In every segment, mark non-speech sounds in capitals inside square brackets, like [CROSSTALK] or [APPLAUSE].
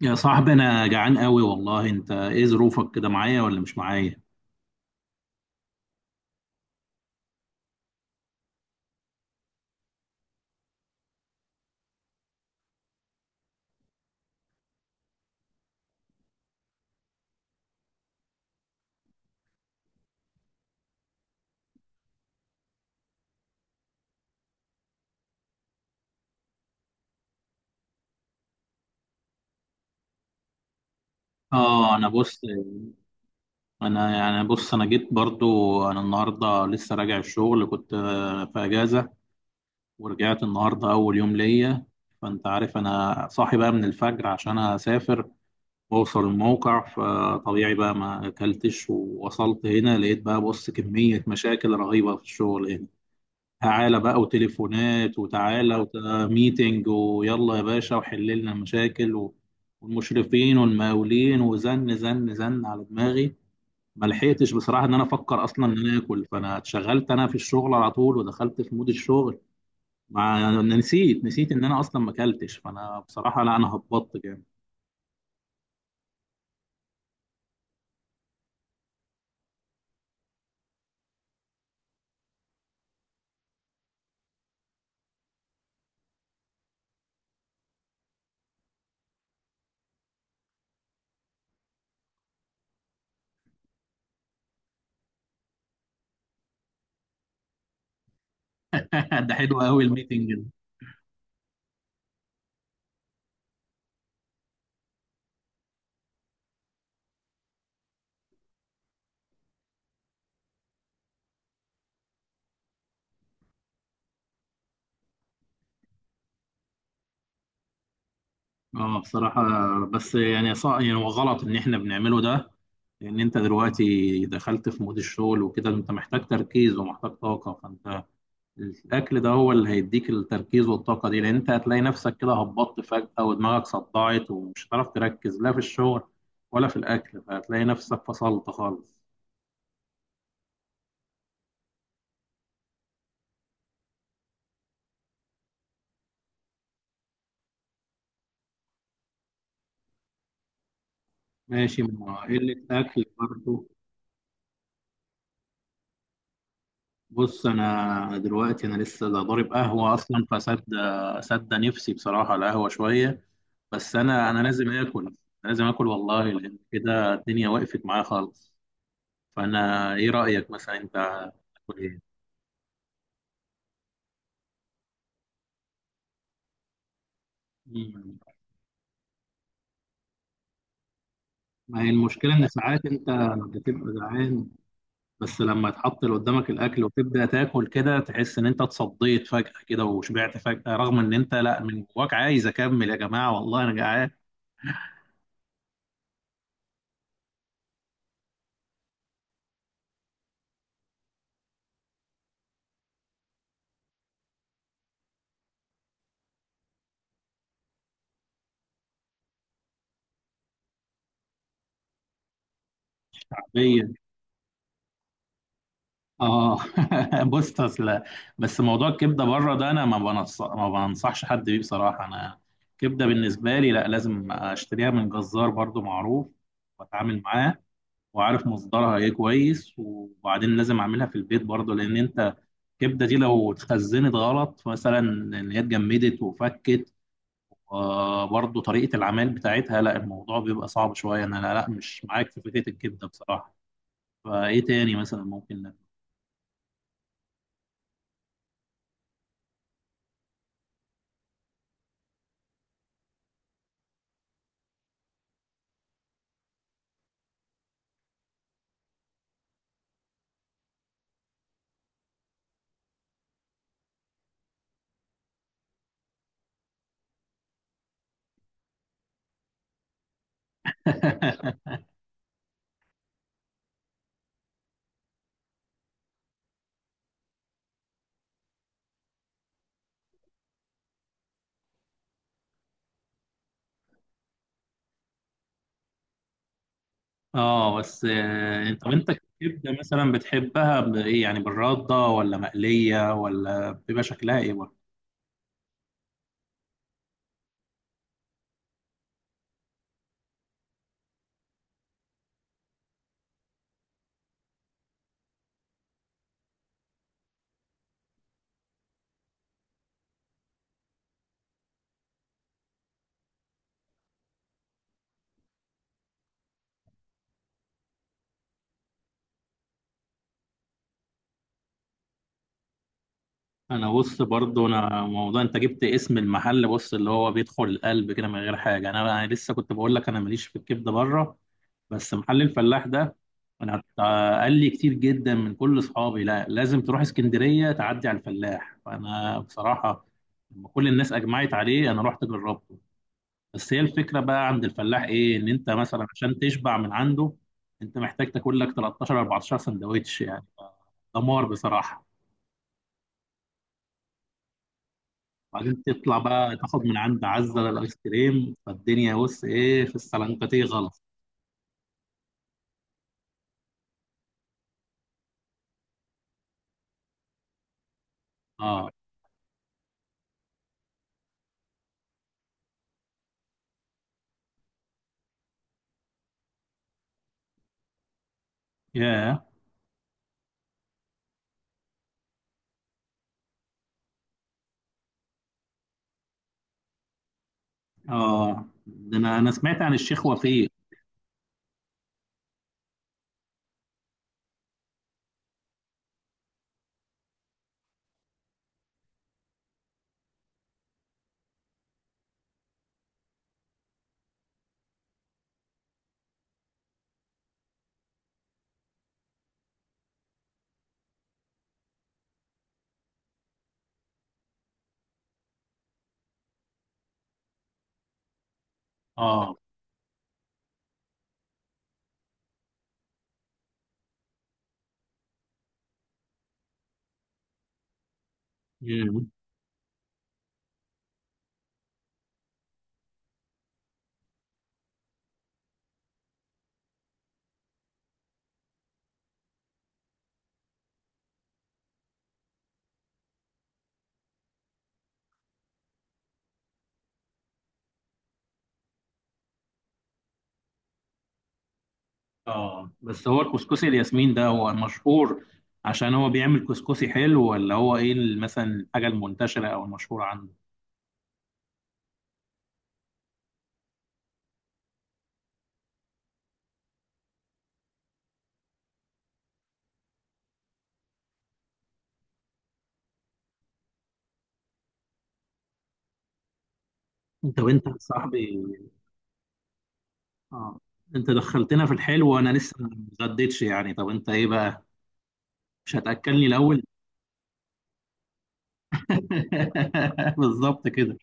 يا صاحبي، انا جعان قوي والله. انت ايه ظروفك كده، معايا ولا مش معايا؟ اه. انا بص، انا يعني بص انا جيت برضو. انا النهارده لسه راجع الشغل، كنت في اجازه، ورجعت النهارده اول يوم ليا. فانت عارف انا صاحي بقى من الفجر عشان اسافر واوصل الموقع. فطبيعي بقى ما اكلتش، ووصلت هنا لقيت بقى، بص، كميه مشاكل رهيبه في الشغل هنا. تعالى بقى، وتليفونات، وتعالى، وميتنج، ويلا يا باشا وحل لنا المشاكل والمشرفين والمقاولين وزن زن زن على دماغي. ما لحقتش بصراحه ان انا افكر اصلا ان انا اكل، فانا اتشغلت انا في الشغل على طول ودخلت في مود الشغل. مع أنا نسيت ان انا اصلا ما اكلتش، فانا بصراحه لا انا هبطت جامد. [LAUGHS] ده حلو قوي الميتنج ده. اه بصراحه. بس يعني يعني هو غلط ان احنا بنعمله ده، لان انت دلوقتي دخلت في مود الشغل وكده، انت محتاج تركيز ومحتاج طاقه. فانت الاكل ده هو اللي هيديك التركيز والطاقه دي، لان انت هتلاقي نفسك كده هبطت فجاه ودماغك صدعت ومش هتعرف تركز، لا في الشغل ولا في الاكل، فهتلاقي نفسك فصلت خالص. ماشي، ما قله اكل برضه. بص، انا دلوقتي انا لسه ده ضارب قهوه اصلا، فسد سد نفسي بصراحه القهوه شويه. بس انا لازم اكل. لازم اكل والله، لان كده الدنيا وقفت معايا خالص. فانا ايه رايك مثلا انت؟ هتاكل ايه؟ مم. ما هي المشكلة إن ساعات أنت بتبقى جعان، بس لما تحط اللي قدامك الأكل وتبدأ تاكل كده، تحس إن أنت اتصديت فجأة كده وشبعت فجأة، رغم إن أنت لأ، من جواك عايز أكمل. يا جماعة والله أنا جعان حرفيا. آه. [LAUGHS] بص أصل. بس موضوع الكبدة بره ده أنا ما بنصحش حد بيه بصراحة. أنا كبدة بالنسبة لي، لأ، لازم أشتريها من جزار برضو معروف، وأتعامل معاه، وعارف مصدرها ايه كويس. وبعدين لازم اعملها في البيت برضه، لان انت الكبده دي لو اتخزنت غلط، مثلا ان هي اتجمدت وفكت، وبرضه طريقه العمل بتاعتها، لا الموضوع بيبقى صعب شويه. انا لا, لا مش معاك في فكره الكبده بصراحه. فايه تاني مثلا ممكن نعمل؟ [LAUGHS] اه. بس انت، طب انت الكبده مثلا بتحبها بايه؟ يعني بالرده ولا مقليه؟ ولا بيبقى شكلها ايه برضه؟ انا بص، برضو انا موضوع انت جبت اسم المحل، بص، اللي هو بيدخل القلب كده من غير حاجه. انا لسه كنت بقول لك انا ماليش في الكبده بره، بس محل الفلاح ده، انا ت- قال لي كتير جدا من كل اصحابي: لا لازم تروح اسكندريه تعدي على الفلاح. فانا بصراحه لما كل الناس اجمعت عليه انا رحت جربته. بس هي الفكره بقى عند الفلاح ايه، ان انت مثلا عشان تشبع من عنده انت محتاج تاكل لك 13 14 سندوتش يعني. دمار بصراحه. وبعدين تطلع بقى تاخد من عند عزة الايس كريم. فالدنيا بص ايه، في السلنكتيه غلط. اه. ياه. اه، ده انا سمعت عن الشيخ وفيق. اه. مم. اه بس هو الكسكسي الياسمين ده هو مشهور عشان هو بيعمل كسكسي حلو، ولا هو ايه مثلا الحاجه المنتشره او المشهوره عنده؟ انت، وانت يا صاحبي، اه انت دخلتنا في الحلو وانا لسه ما اتغديتش يعني. طب انت ايه بقى، مش هتاكلني الاول؟ [LAUGHS] بالظبط كده.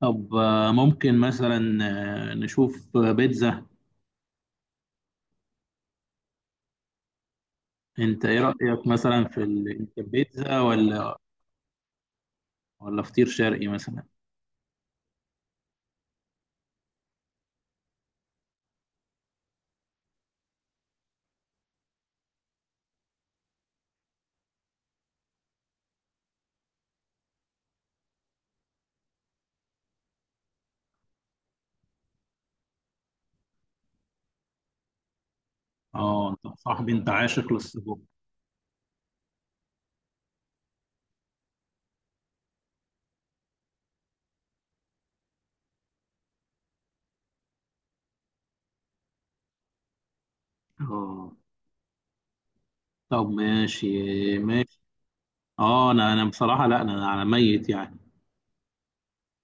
طب ممكن مثلا نشوف بيتزا. انت ايه رأيك مثلا في انت بيتزا ولا، ولا فطير شرقي مثلا؟ اه انت صاحبي، انت عاشق للسجق. اه. طب ماشي. ماشي. اه انا بصراحة لا، انا ميت يعني.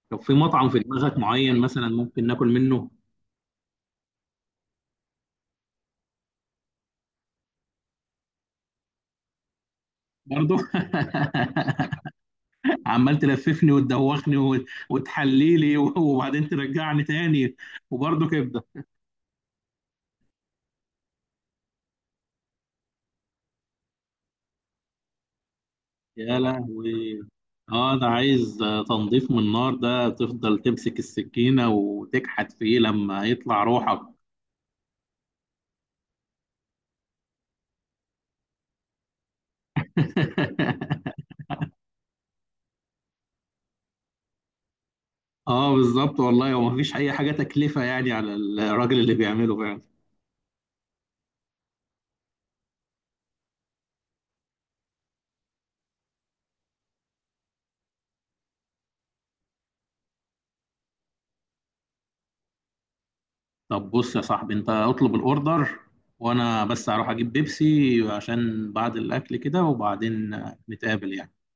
طب في مطعم في دماغك معين مثلا ممكن ناكل منه؟ برضه. [LAUGHS] عمال تلففني وتدوخني وتحليلي وبعدين ترجعني تاني وبرضه كبدة. يا لهوي. اه ده عايز تنظيف من النار، ده تفضل تمسك السكينة وتكحت فيه لما يطلع روحك. [LAUGHS] اه بالظبط والله، ومفيش اي حاجة تكلفة يعني على الراجل اللي بيعمله فعلا. طب بص يا صاحبي، انت اطلب الاوردر، وانا بس هروح اجيب بيبسي عشان بعد الاكل كده، وبعدين نتقابل يعني.